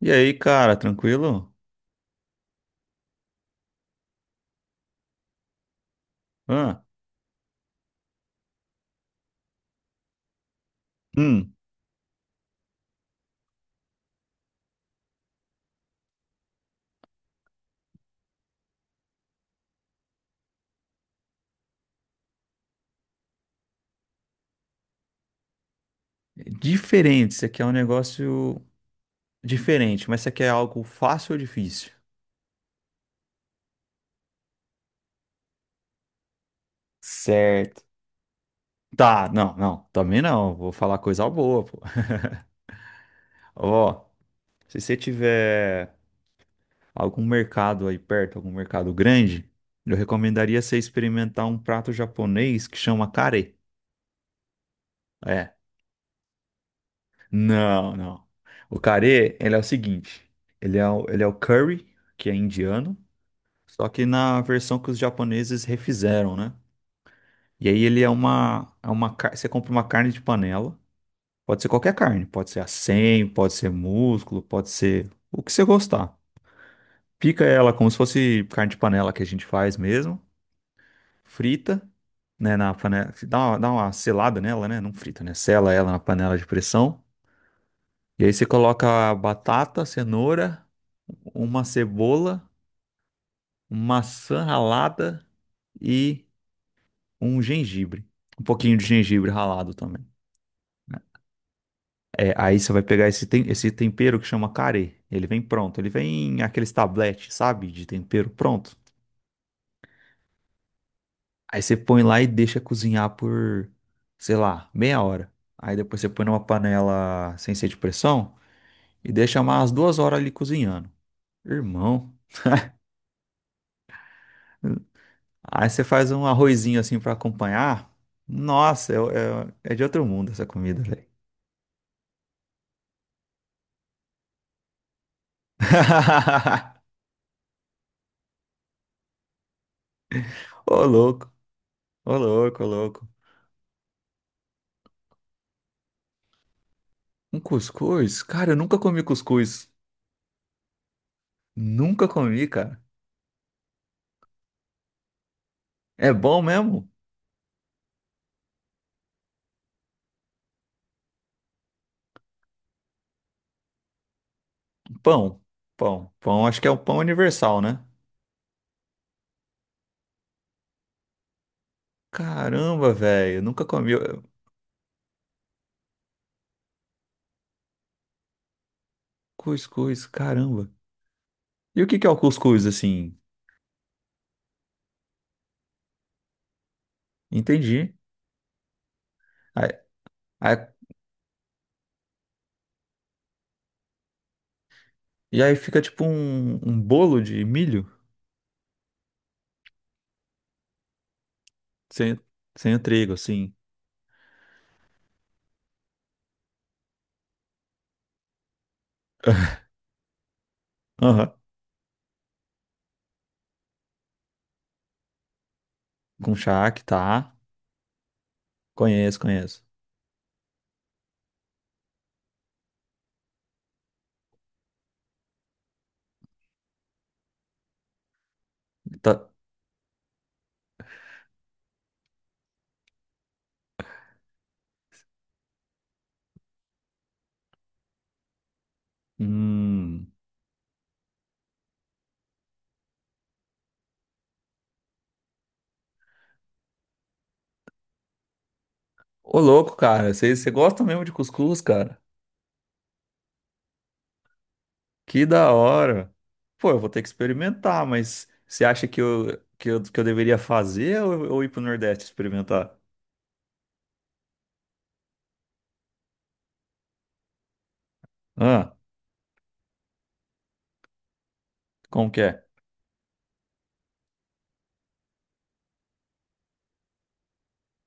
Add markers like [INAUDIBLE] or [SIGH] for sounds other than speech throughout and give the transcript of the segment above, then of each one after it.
E aí, cara, tranquilo? Hã? Hum, diferente. Isso aqui é um negócio diferente, mas isso aqui é algo fácil ou difícil? Certo. Tá, não, não, também não. Vou falar coisa boa, pô. [LAUGHS] Ó, se você tiver algum mercado aí perto, algum mercado grande, eu recomendaria você experimentar um prato japonês que chama kare. É, não, não. O kare, ele é o seguinte: ele é o curry, que é indiano. Só que na versão que os japoneses refizeram, né? E aí ele é você compra uma carne de panela, pode ser qualquer carne, pode ser a 100, pode ser músculo, pode ser o que você gostar. Pica ela como se fosse carne de panela que a gente faz mesmo, frita, né, na panela, dá uma selada nela, né? Não frita, né? Sela ela na panela de pressão. E aí você coloca batata, cenoura, uma cebola, maçã ralada e um gengibre, um pouquinho de gengibre ralado também. É, aí você vai pegar esse tempero que chama carê. Ele vem pronto, ele vem em aqueles tabletes, sabe? De tempero pronto. Aí você põe lá e deixa cozinhar por, sei lá, meia hora. Aí depois você põe numa panela sem ser de pressão e deixa mais duas horas ali cozinhando. Irmão. Aí você faz um arrozinho assim pra acompanhar. Nossa, é de outro mundo essa comida, velho. [LAUGHS] Ô louco, ô louco, ô louco. Um cuscuz? Cara, eu nunca comi cuscuz. Nunca comi, cara. É bom mesmo? Pão. Pão. Pão, acho que é um pão universal, né? Caramba, velho. Nunca comi. Eu- Cuscuz, caramba. E o que que é o cuscuz, assim? Entendi. Aí- aí- e aí fica tipo um, um bolo de milho sem, sem o trigo, assim. Aham. Com charque, tá? Conheço, conheço. Tá. Hum. Ô, louco, cara. Você gosta mesmo de cuscuz, cara? Que da hora. Pô, eu vou ter que experimentar, mas você acha que eu deveria fazer ou ir pro Nordeste experimentar? Ah, como que é?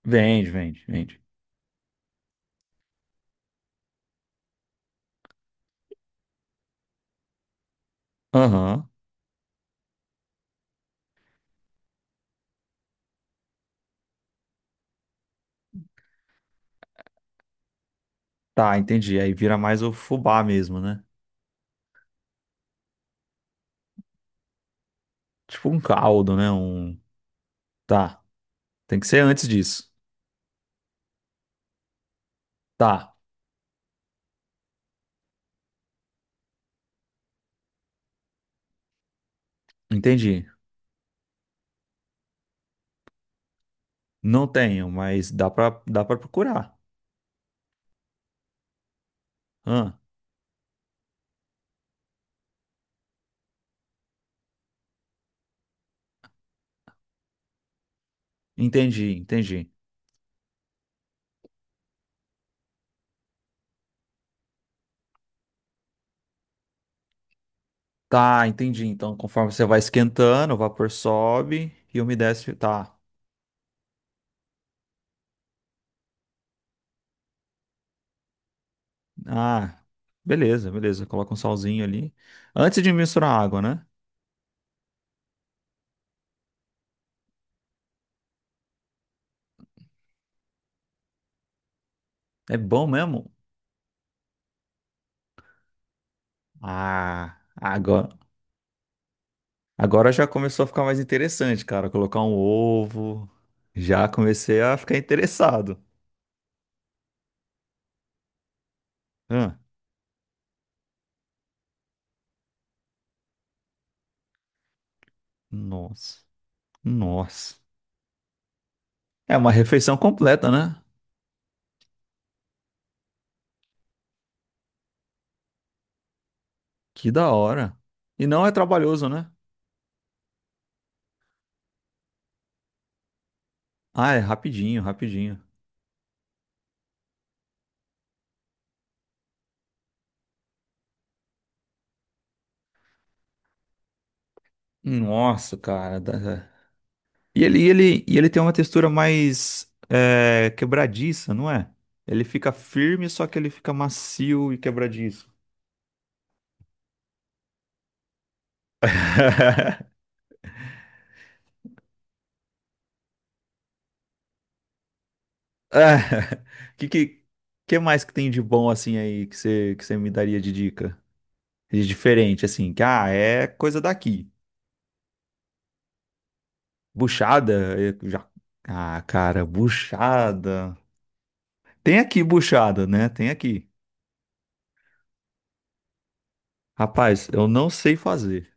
Vende, vende, vende. Aham. Tá, entendi. Aí vira mais o fubá mesmo, né? Tipo um caldo, né? Um. Tá. Tem que ser antes disso. Tá, entendi. Não tenho, mas dá pra procurar. Ah, entendi, entendi. Tá, entendi. Então, conforme você vai esquentando, o vapor sobe e a umidade. Tá. Ah, beleza, beleza. Coloca um salzinho ali. Antes de misturar a água, né? É bom mesmo? Ah, agora, agora já começou a ficar mais interessante, cara. Colocar um ovo. Já comecei a ficar interessado. Ah, nossa, nossa. É uma refeição completa, né? Que da hora. E não é trabalhoso, né? Ah, é rapidinho, rapidinho. Nossa, cara. Dá- e ele tem uma textura mais é, quebradiça, não é? Ele fica firme, só que ele fica macio e quebradiço. [LAUGHS] Ah, que, que, que mais que tem de bom assim aí que você me daria de dica? De diferente, assim, que ah, é coisa daqui. Buchada, eu já. Ah, cara, buchada. Tem aqui buchada, né? Tem aqui. Rapaz, eu não sei fazer.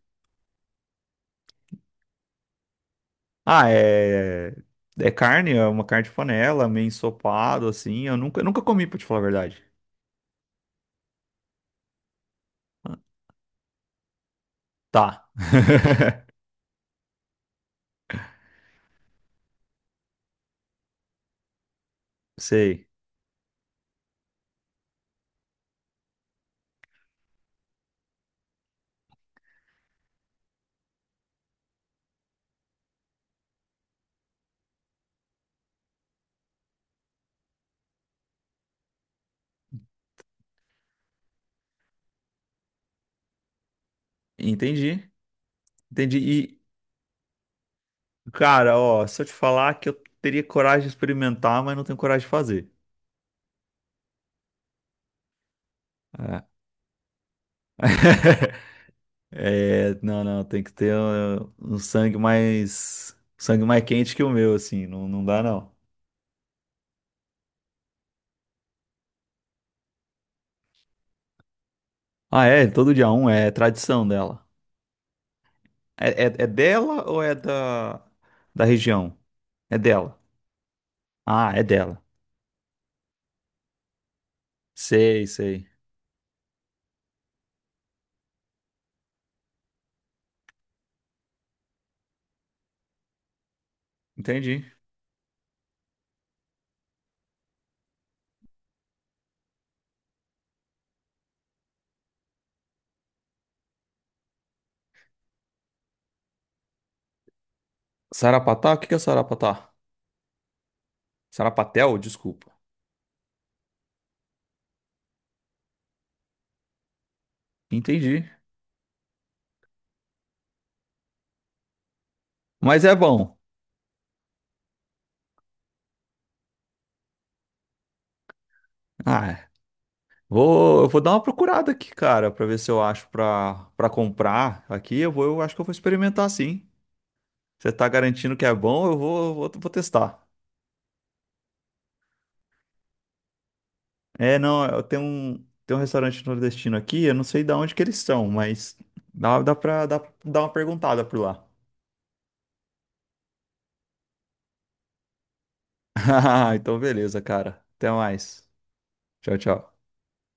Ah, é. É carne, é uma carne de panela, meio ensopado, assim. Eu nunca comi, pra te falar a verdade. Ah, tá. [LAUGHS] Sei. Entendi. Entendi. E, cara, ó, se eu te falar que eu teria coragem de experimentar, mas não tenho coragem de fazer. É. [LAUGHS] É, não, não, tem que ter um, sangue mais. Sangue mais quente que o meu, assim. Não, não dá, não. Ah, é? Todo dia um é é tradição dela. É dela ou é da, da região? É dela. Ah, é dela. Sei, sei. Entendi. Sarapatel? O que que é Sarapatel? Sarapatel, desculpa. Entendi. Mas é bom. Ah, é. Vou, eu vou dar uma procurada aqui, cara, pra ver se eu acho pra, pra comprar aqui. Eu vou, eu acho que eu vou experimentar sim. Você tá garantindo que é bom, eu vou, vou, vou testar. É, não, eu tenho um restaurante nordestino aqui, eu não sei de onde que eles são, mas dá, dar uma perguntada por lá. [LAUGHS] Então, beleza, cara. Até mais. Tchau, tchau.